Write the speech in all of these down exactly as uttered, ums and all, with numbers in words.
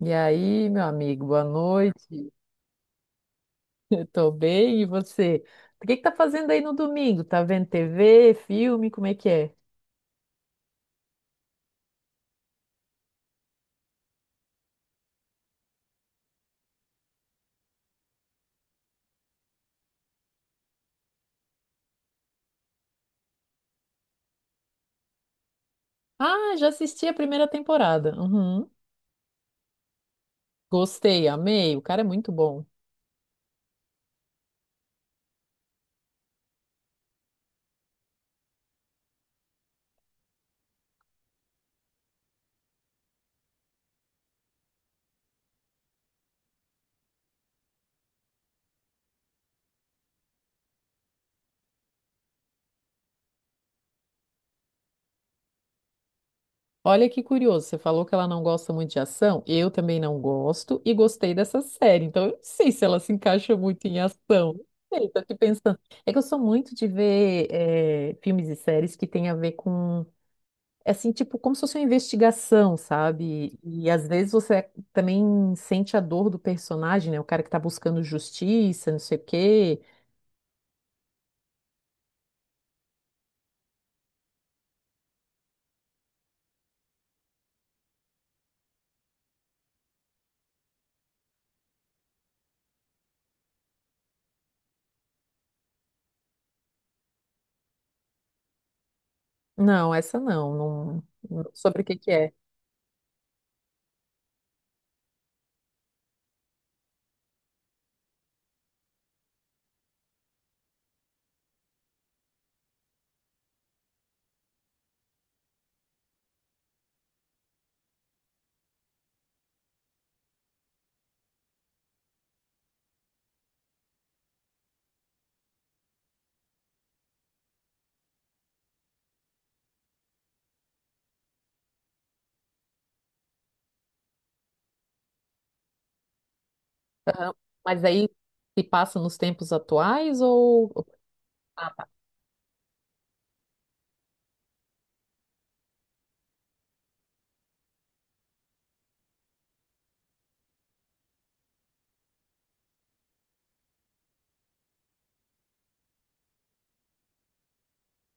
E aí, meu amigo, boa noite. Eu tô bem, e você? O que que tá fazendo aí no domingo? Tá vendo T V, filme, como é que é? Ah, já assisti a primeira temporada. Uhum. Gostei, amei. O cara é muito bom. Olha que curioso, você falou que ela não gosta muito de ação. Eu também não gosto e gostei dessa série. Então, eu não sei se ela se encaixa muito em ação. Não sei, tô aqui pensando. É que eu sou muito de ver eh, filmes e séries que tem a ver com. É assim, tipo, como se fosse uma investigação, sabe? E às vezes você também sente a dor do personagem, né? O cara que tá buscando justiça, não sei o quê. Não, essa não, não, não- sobre o que que é. Aham. Mas aí se passa nos tempos atuais ou... Ah,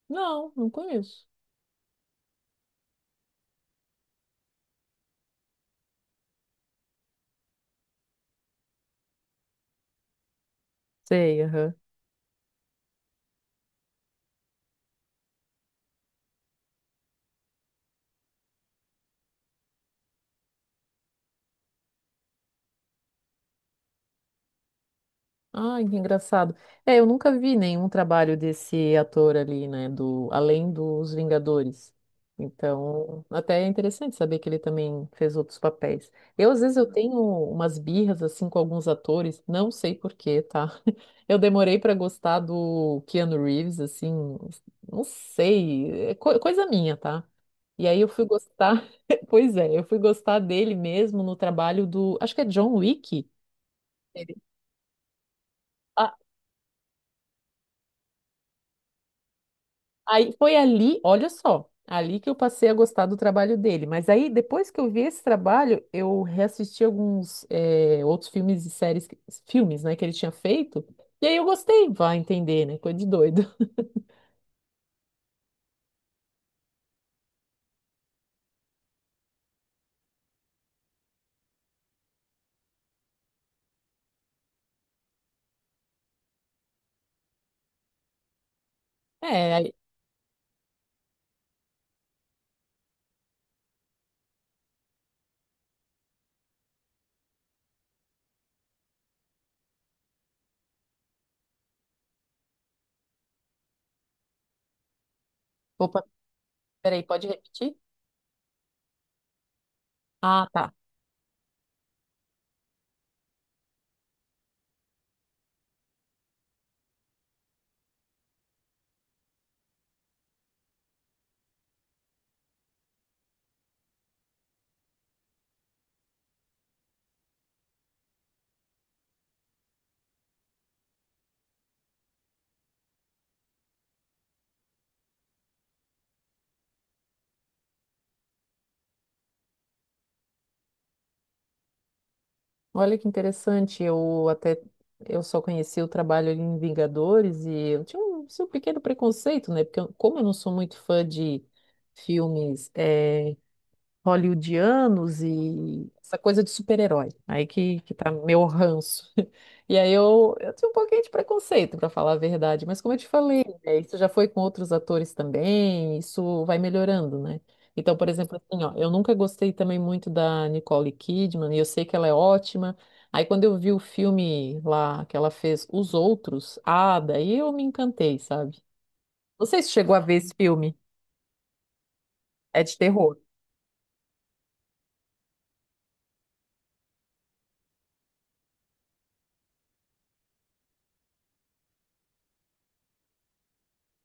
não, não conheço. Sei, aham. Ai, que engraçado. É, eu nunca vi nenhum trabalho desse ator ali, né, do além dos Vingadores. Então, até é interessante saber que ele também fez outros papéis. Eu, às vezes, eu tenho umas birras, assim, com alguns atores, não sei por quê, tá? Eu demorei para gostar do Keanu Reeves, assim, não sei, é co- coisa minha, tá? E aí eu fui gostar, pois é, eu fui gostar dele mesmo no trabalho do, acho que é John Wick. Ele. Aí foi ali, olha só, ali que eu passei a gostar do trabalho dele. Mas aí, depois que eu vi esse trabalho, eu reassisti alguns eh, outros filmes e séries, que- filmes, né, que ele tinha feito. E aí eu gostei, vai entender, né? Coisa de doido. É, aí, opa, peraí, pode repetir? Ah, tá. Olha que interessante. Eu até eu só conheci o trabalho ali em Vingadores e eu tinha um, assim, um pequeno preconceito, né? Porque eu- como eu não sou muito fã de filmes eh, hollywoodianos e essa coisa de super-herói. Aí que, que tá meu ranço. E aí eu, eu tinha um pouquinho de preconceito, para falar a verdade, mas como eu te falei, né, isso já foi com outros atores também, isso vai melhorando, né? Então, por exemplo, assim, ó, eu nunca gostei também muito da Nicole Kidman, e eu sei que ela é ótima. Aí quando eu vi o filme lá que ela fez, Os Outros, ah, daí eu me encantei, sabe? Não sei se chegou a ver esse filme. É de terror.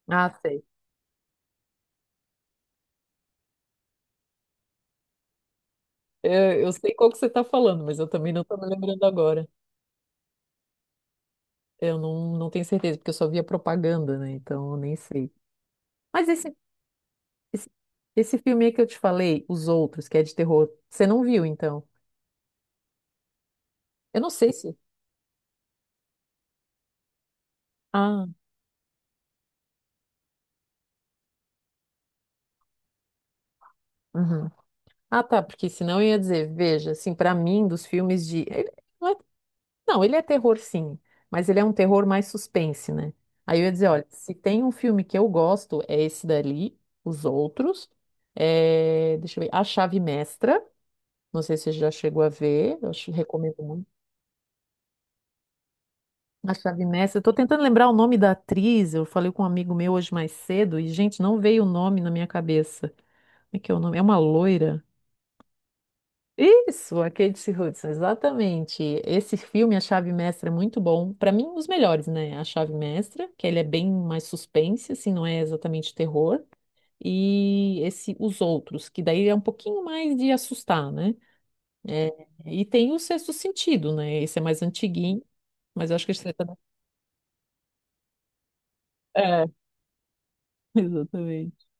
Ah, sei. É, eu sei qual que você está falando, mas eu também não estou me lembrando agora. Eu não, não tenho certeza, porque eu só via propaganda, né? Então eu nem sei. Mas esse, esse, esse filme aí que eu te falei, Os Outros, que é de terror, você não viu, então? Eu não sei se. Ah, uhum. Ah, tá, porque senão eu ia dizer, veja, assim, pra mim, dos filmes de. Ele não, é- não, ele é terror, sim, mas ele é um terror mais suspense, né? Aí eu ia dizer, olha, se tem um filme que eu gosto, é esse dali, Os Outros. É, deixa eu ver, A Chave Mestra. Não sei se você já chegou a ver, eu acho- recomendo muito. A Chave Mestre, eu tô tentando lembrar o nome da atriz, eu falei com um amigo meu hoje mais cedo e, gente, não veio o nome na minha cabeça. Como é que é o nome? É uma loira? Isso, a Kate Hudson, exatamente. Esse filme, A Chave Mestra, é muito bom. Para mim, um dos melhores, né? A Chave Mestra, que ele é bem mais suspense, assim, não é exatamente terror. E esse Os Outros, que daí é um pouquinho mais de assustar, né? É, e tem o Sexto Sentido, né? Esse é mais antiguinho. Mas eu acho que a estrela também. É, exatamente.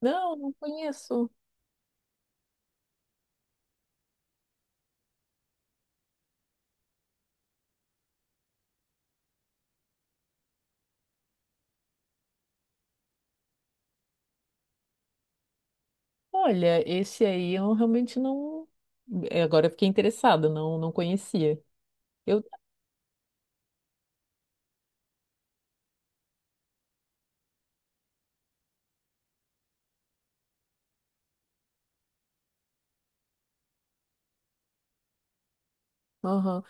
Não, não conheço. Olha, esse aí eu realmente não. É, agora eu fiquei interessada, não, não conhecia. Eu. Aham.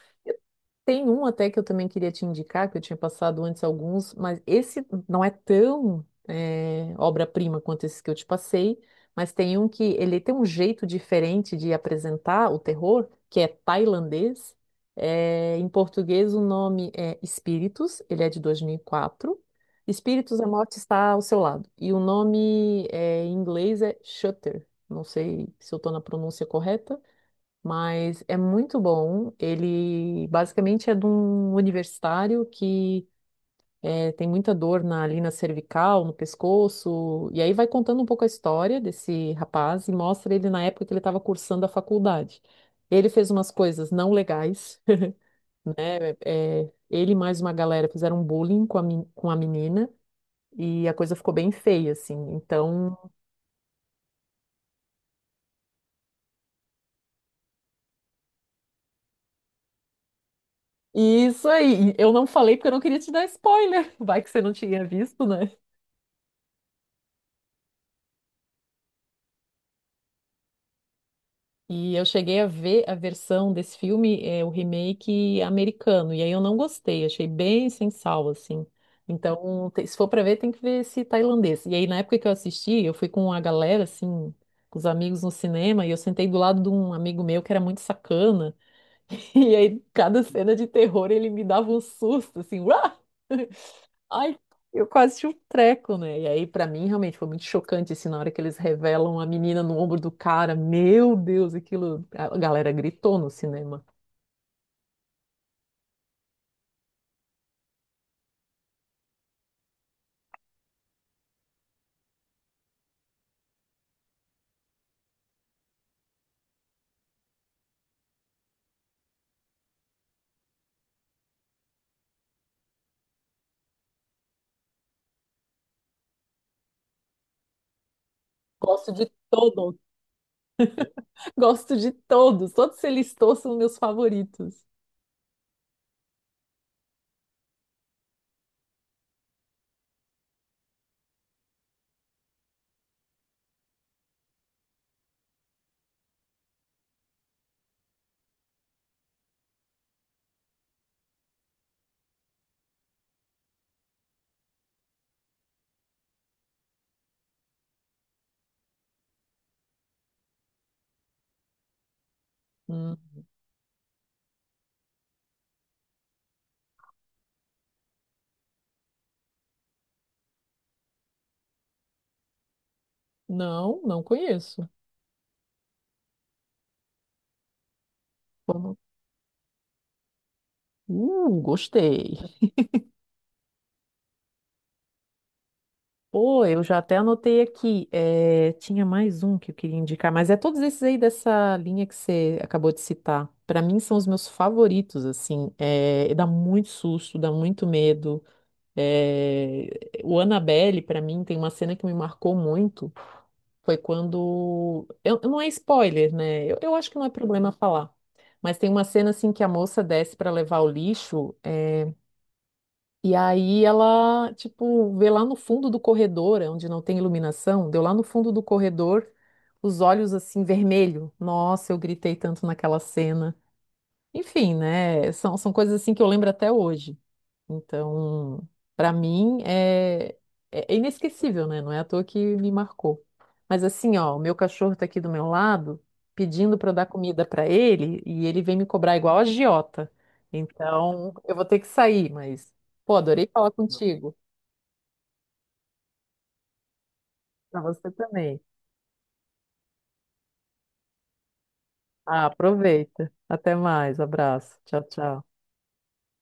Tem um até que eu também queria te indicar, que eu tinha passado antes alguns, mas esse não é tão eh, obra-prima quanto esse que eu te passei, mas tem um que ele tem um jeito diferente de apresentar o terror, que é tailandês. Eh, em português o nome é Espíritos, ele é de dois mil e quatro. Espíritos, a morte está ao seu lado. E o nome eh, em inglês é Shutter. Não sei se eu estou na pronúncia correta, mas é muito bom. Ele basicamente é de um universitário que eh, tem muita dor na, ali na cervical, no pescoço, e aí vai contando um pouco a história desse rapaz e mostra ele na época que ele estava cursando a faculdade. Ele fez umas coisas não legais, eh, ele e mais uma galera fizeram bullying com a, men- com a menina. E a coisa ficou bem feia, assim. Então, isso aí. Eu não falei porque eu não queria te dar spoiler. Vai que você não tinha visto, né? E eu cheguei a ver a versão desse filme, é, o remake americano, e aí eu não gostei, achei bem sem sal, assim. Então, te- se for pra ver, tem que ver esse tailandês. E aí, na época que eu assisti, eu fui com a galera, assim, com os amigos no cinema, e eu sentei do lado de um amigo meu que era muito sacana, e aí, cada cena de terror, ele me dava um susto, assim, uá! Ai, eu quase tinha um treco, né? E aí, pra mim, realmente foi muito chocante, assim, na hora que eles revelam a menina no ombro do cara. Meu Deus, aquilo. A galera gritou no cinema. Gosto de todos, gosto de todos. Todos que você listou são meus favoritos. Hum, não, não conheço. Vamos. Uh, gostei. Pô, eu já até anotei aqui. É, tinha mais um que eu queria indicar, mas é todos esses aí dessa linha que você acabou de citar. Pra mim são os meus favoritos, assim. É, dá muito susto, dá muito medo. É, o Annabelle, pra mim, tem uma cena que me marcou muito. Foi quando. Eu, não é spoiler, né? Eu, eu acho que não é problema falar. Mas tem uma cena assim que a moça desce para levar o lixo. eh, e aí ela, tipo, vê lá no fundo do corredor, é onde não tem iluminação, deu lá no fundo do corredor, os olhos assim, vermelho. Nossa, eu gritei tanto naquela cena. Enfim, né? São, são coisas assim que eu lembro até hoje. Então, para mim é, é é inesquecível, né? Não é à toa que me marcou. Mas assim, ó, o meu cachorro tá aqui do meu lado, pedindo para eu dar comida para ele, e ele vem me cobrar igual a agiota. Então, eu vou ter que sair, mas pô, adorei falar contigo. Pra você também. Ah, aproveita. Até mais. Abraço. Tchau, tchau.